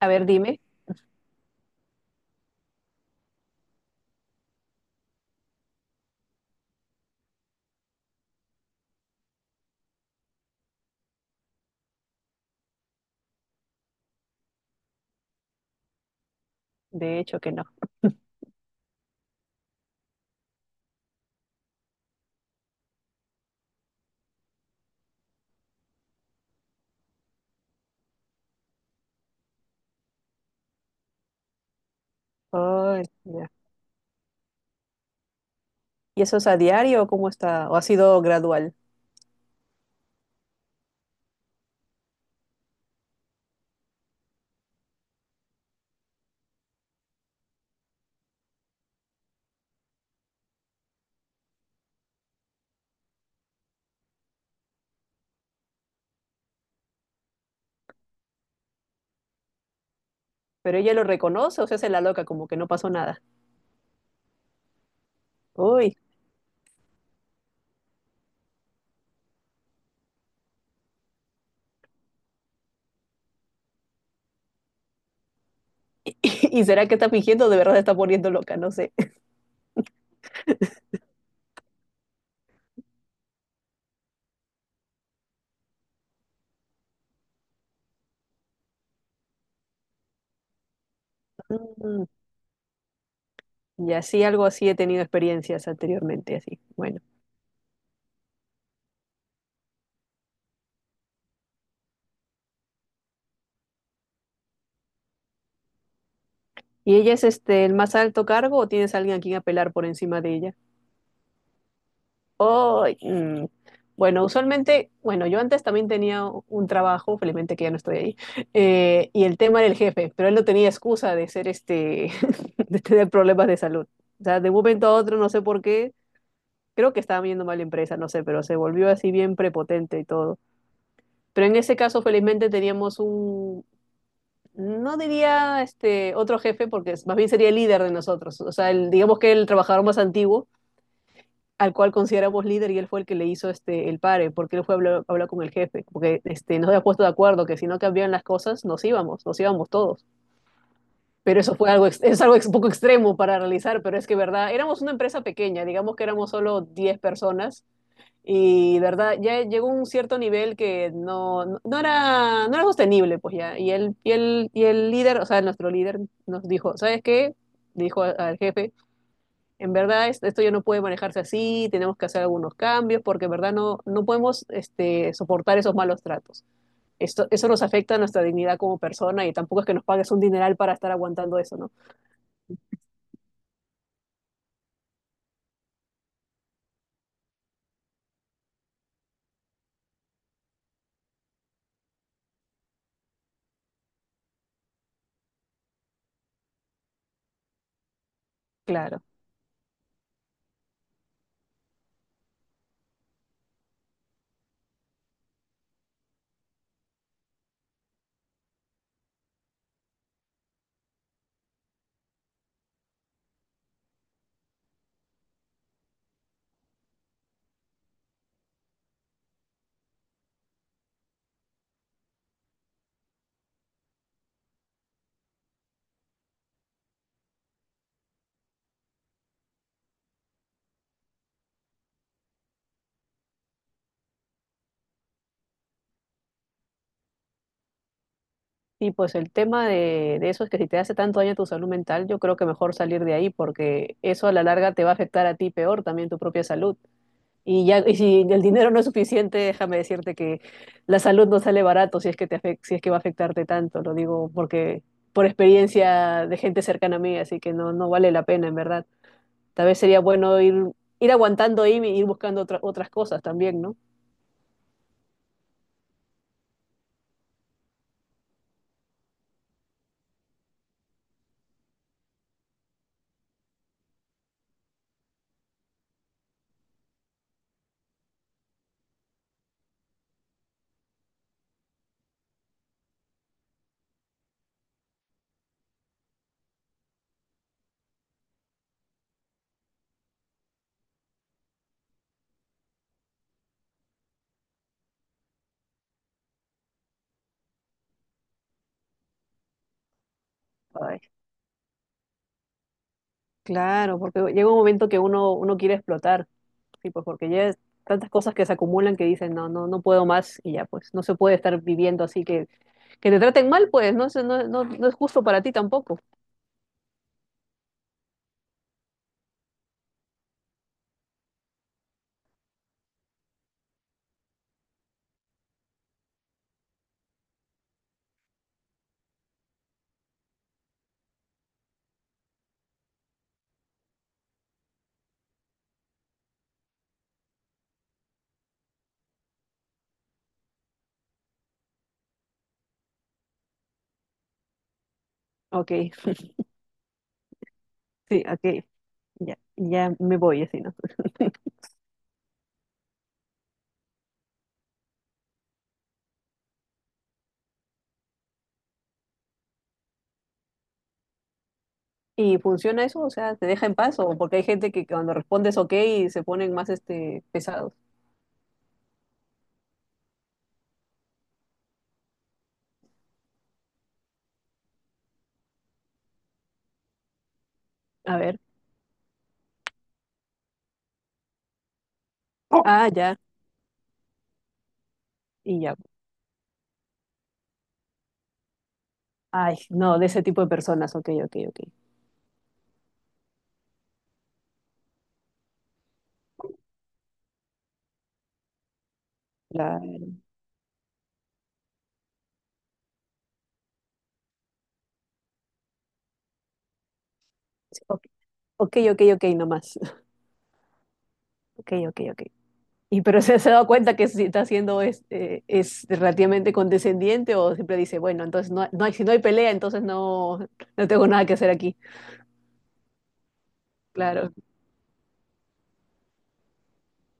A ver, dime. De hecho que no. Ay, ya. ¿Y eso es a diario o cómo está? ¿O ha sido gradual? Pero ella lo reconoce o se hace la loca, como que no pasó nada. Uy. ¿Y será que está fingiendo? O de verdad se está poniendo loca, no sé. Mm, y así, algo así he tenido experiencias anteriormente, así. Bueno. ¿Y ella es el más alto cargo o tienes a alguien a quien apelar por encima de ella? Oh, mm, bueno, usualmente, bueno, yo antes también tenía un trabajo, felizmente que ya no estoy ahí, y el tema del jefe, pero él no tenía excusa de ser de tener problemas de salud. O sea, de un momento a otro, no sé por qué, creo que estaba viendo mal la empresa, no sé, pero se volvió así bien prepotente y todo. Pero en ese caso, felizmente teníamos un, no diría otro jefe, porque más bien sería el líder de nosotros, o sea, el, digamos que el trabajador más antiguo al cual consideramos líder, y él fue el que le hizo el pare, porque él fue a hablar con el jefe, porque este, nos había puesto de acuerdo que si no cambiaban las cosas, nos íbamos todos. Pero eso fue algo, es algo un poco extremo para realizar, pero es que, verdad, éramos una empresa pequeña, digamos que éramos solo 10 personas, y, verdad, ya llegó un cierto nivel que no era, no era sostenible, pues ya. Y el líder, o sea, nuestro líder nos dijo, ¿sabes qué? Dijo al jefe, en verdad esto ya no puede manejarse así, tenemos que hacer algunos cambios porque en verdad no podemos soportar esos malos tratos. Eso nos afecta a nuestra dignidad como persona y tampoco es que nos pagues un dineral para estar aguantando eso, ¿no? Claro. Y pues el tema de eso es que si te hace tanto daño tu salud mental, yo creo que mejor salir de ahí porque eso a la larga te va a afectar a ti peor también tu propia salud. Y ya, y si el dinero no es suficiente, déjame decirte que la salud no sale barato, si es que si es que va a afectarte tanto, lo digo porque por experiencia de gente cercana a mí, así que no, no vale la pena en verdad. Tal vez sería bueno ir aguantando ahí y ir buscando otras cosas también, ¿no? Ay, claro, porque llega un momento que uno quiere explotar, sí, pues porque ya es tantas cosas que se acumulan que dicen, no, no puedo más y ya, pues no se puede estar viviendo así, que te traten mal, pues no, es no, no es justo para ti tampoco. Ok, sí, ok, ya, ya me voy así, ¿no? ¿Y funciona eso? O sea, ¿te deja en paz? ¿O porque hay gente que cuando respondes ok se ponen más pesados? A ver. Ah, ya. Y ya. Ay, no, de ese tipo de personas. Ok, ok, ok. La... Sí, ok, ok, ok, ok, nomás. Ok, ok, ok. Pero se ha dado cuenta que si está siendo es relativamente condescendiente, o siempre dice, bueno, entonces no, no hay, si no hay pelea, entonces no, no tengo nada que hacer aquí. Claro.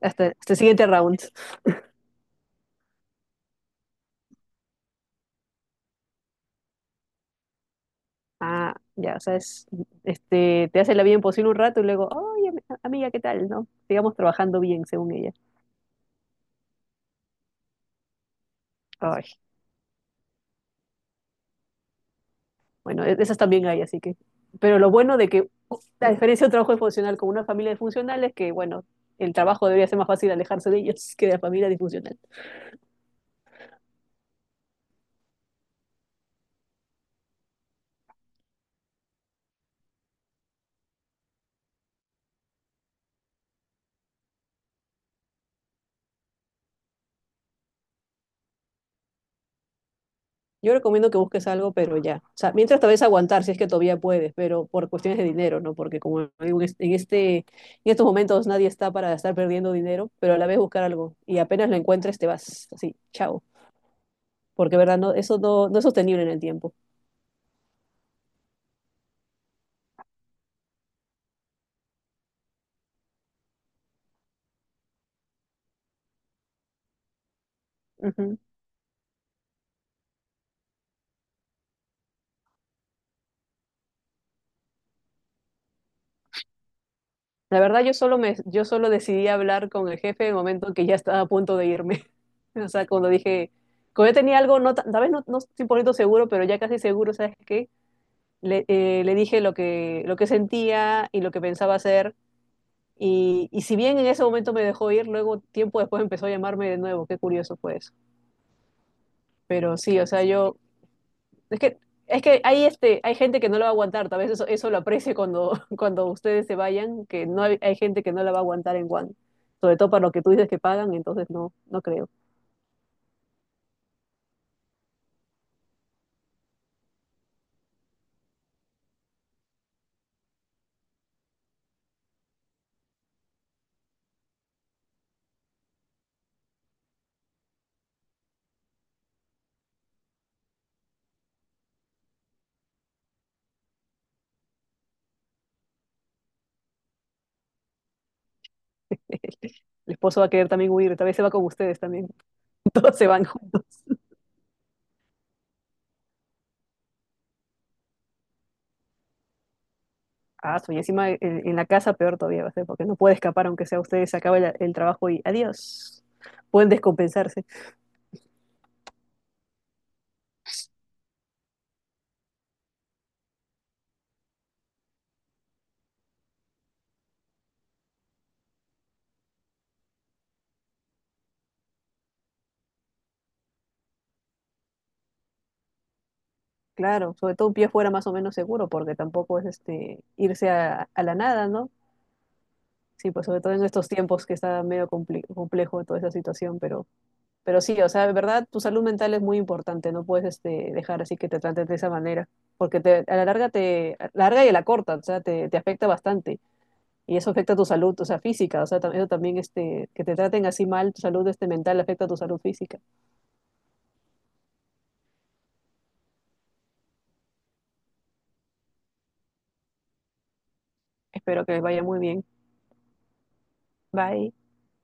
Hasta, hasta el siguiente round. Ah, ya, o sea, es, te hace la vida imposible un rato y luego, oye, amiga, ¿qué tal? ¿No? Sigamos trabajando bien, según ella. Ay, bueno, esas también hay, así que. Pero lo bueno de que la diferencia de un trabajo disfuncional con una familia disfuncional es que, bueno, el trabajo debería ser más fácil alejarse de ellos que de la familia disfuncional. Yo recomiendo que busques algo, pero ya. O sea, mientras te vez aguantar, si es que todavía puedes, pero por cuestiones de dinero, ¿no? Porque como digo, en en estos momentos nadie está para estar perdiendo dinero, pero a la vez buscar algo. Y apenas lo encuentres, te vas así, chao. Porque, ¿verdad? No, eso no es sostenible en el tiempo. Ujú. La verdad, yo solo decidí hablar con el jefe en el momento que ya estaba a punto de irme. O sea, cuando dije, cuando yo tenía algo, no, tal vez no, no 100 por ciento seguro, pero ya casi seguro, ¿sabes qué? Le dije lo que sentía y lo que pensaba hacer. Y si bien en ese momento me dejó ir, luego tiempo después empezó a llamarme de nuevo. Qué curioso fue eso. Pero sí, o sea, yo, es que, es que hay, hay gente que no la va a aguantar. Tal vez eso, eso lo aprecie cuando, cuando ustedes se vayan, que no hay, hay gente que no la va a aguantar en Juan. Sobre todo para lo que tú dices que pagan, entonces no, no creo. El esposo va a querer también huir, tal vez se va con ustedes también. Todos se van. Ah, y encima en la casa peor todavía va a ser, porque no puede escapar, aunque sea ustedes, se acabe el trabajo y adiós. Pueden descompensarse. Claro, sobre todo un pie fuera más o menos seguro, porque tampoco es irse a la nada, ¿no? Sí, pues sobre todo en estos tiempos que está medio complejo toda esa situación, pero sí, o sea, de verdad, tu salud mental es muy importante, no puedes dejar así que te trates de esa manera, porque te, a la larga te, a la larga y a la corta, o sea, te afecta bastante. Y eso afecta tu salud, o sea, física, o sea, eso también, que te traten así mal, tu salud mental afecta a tu salud física. Espero que les vaya muy bien. Bye.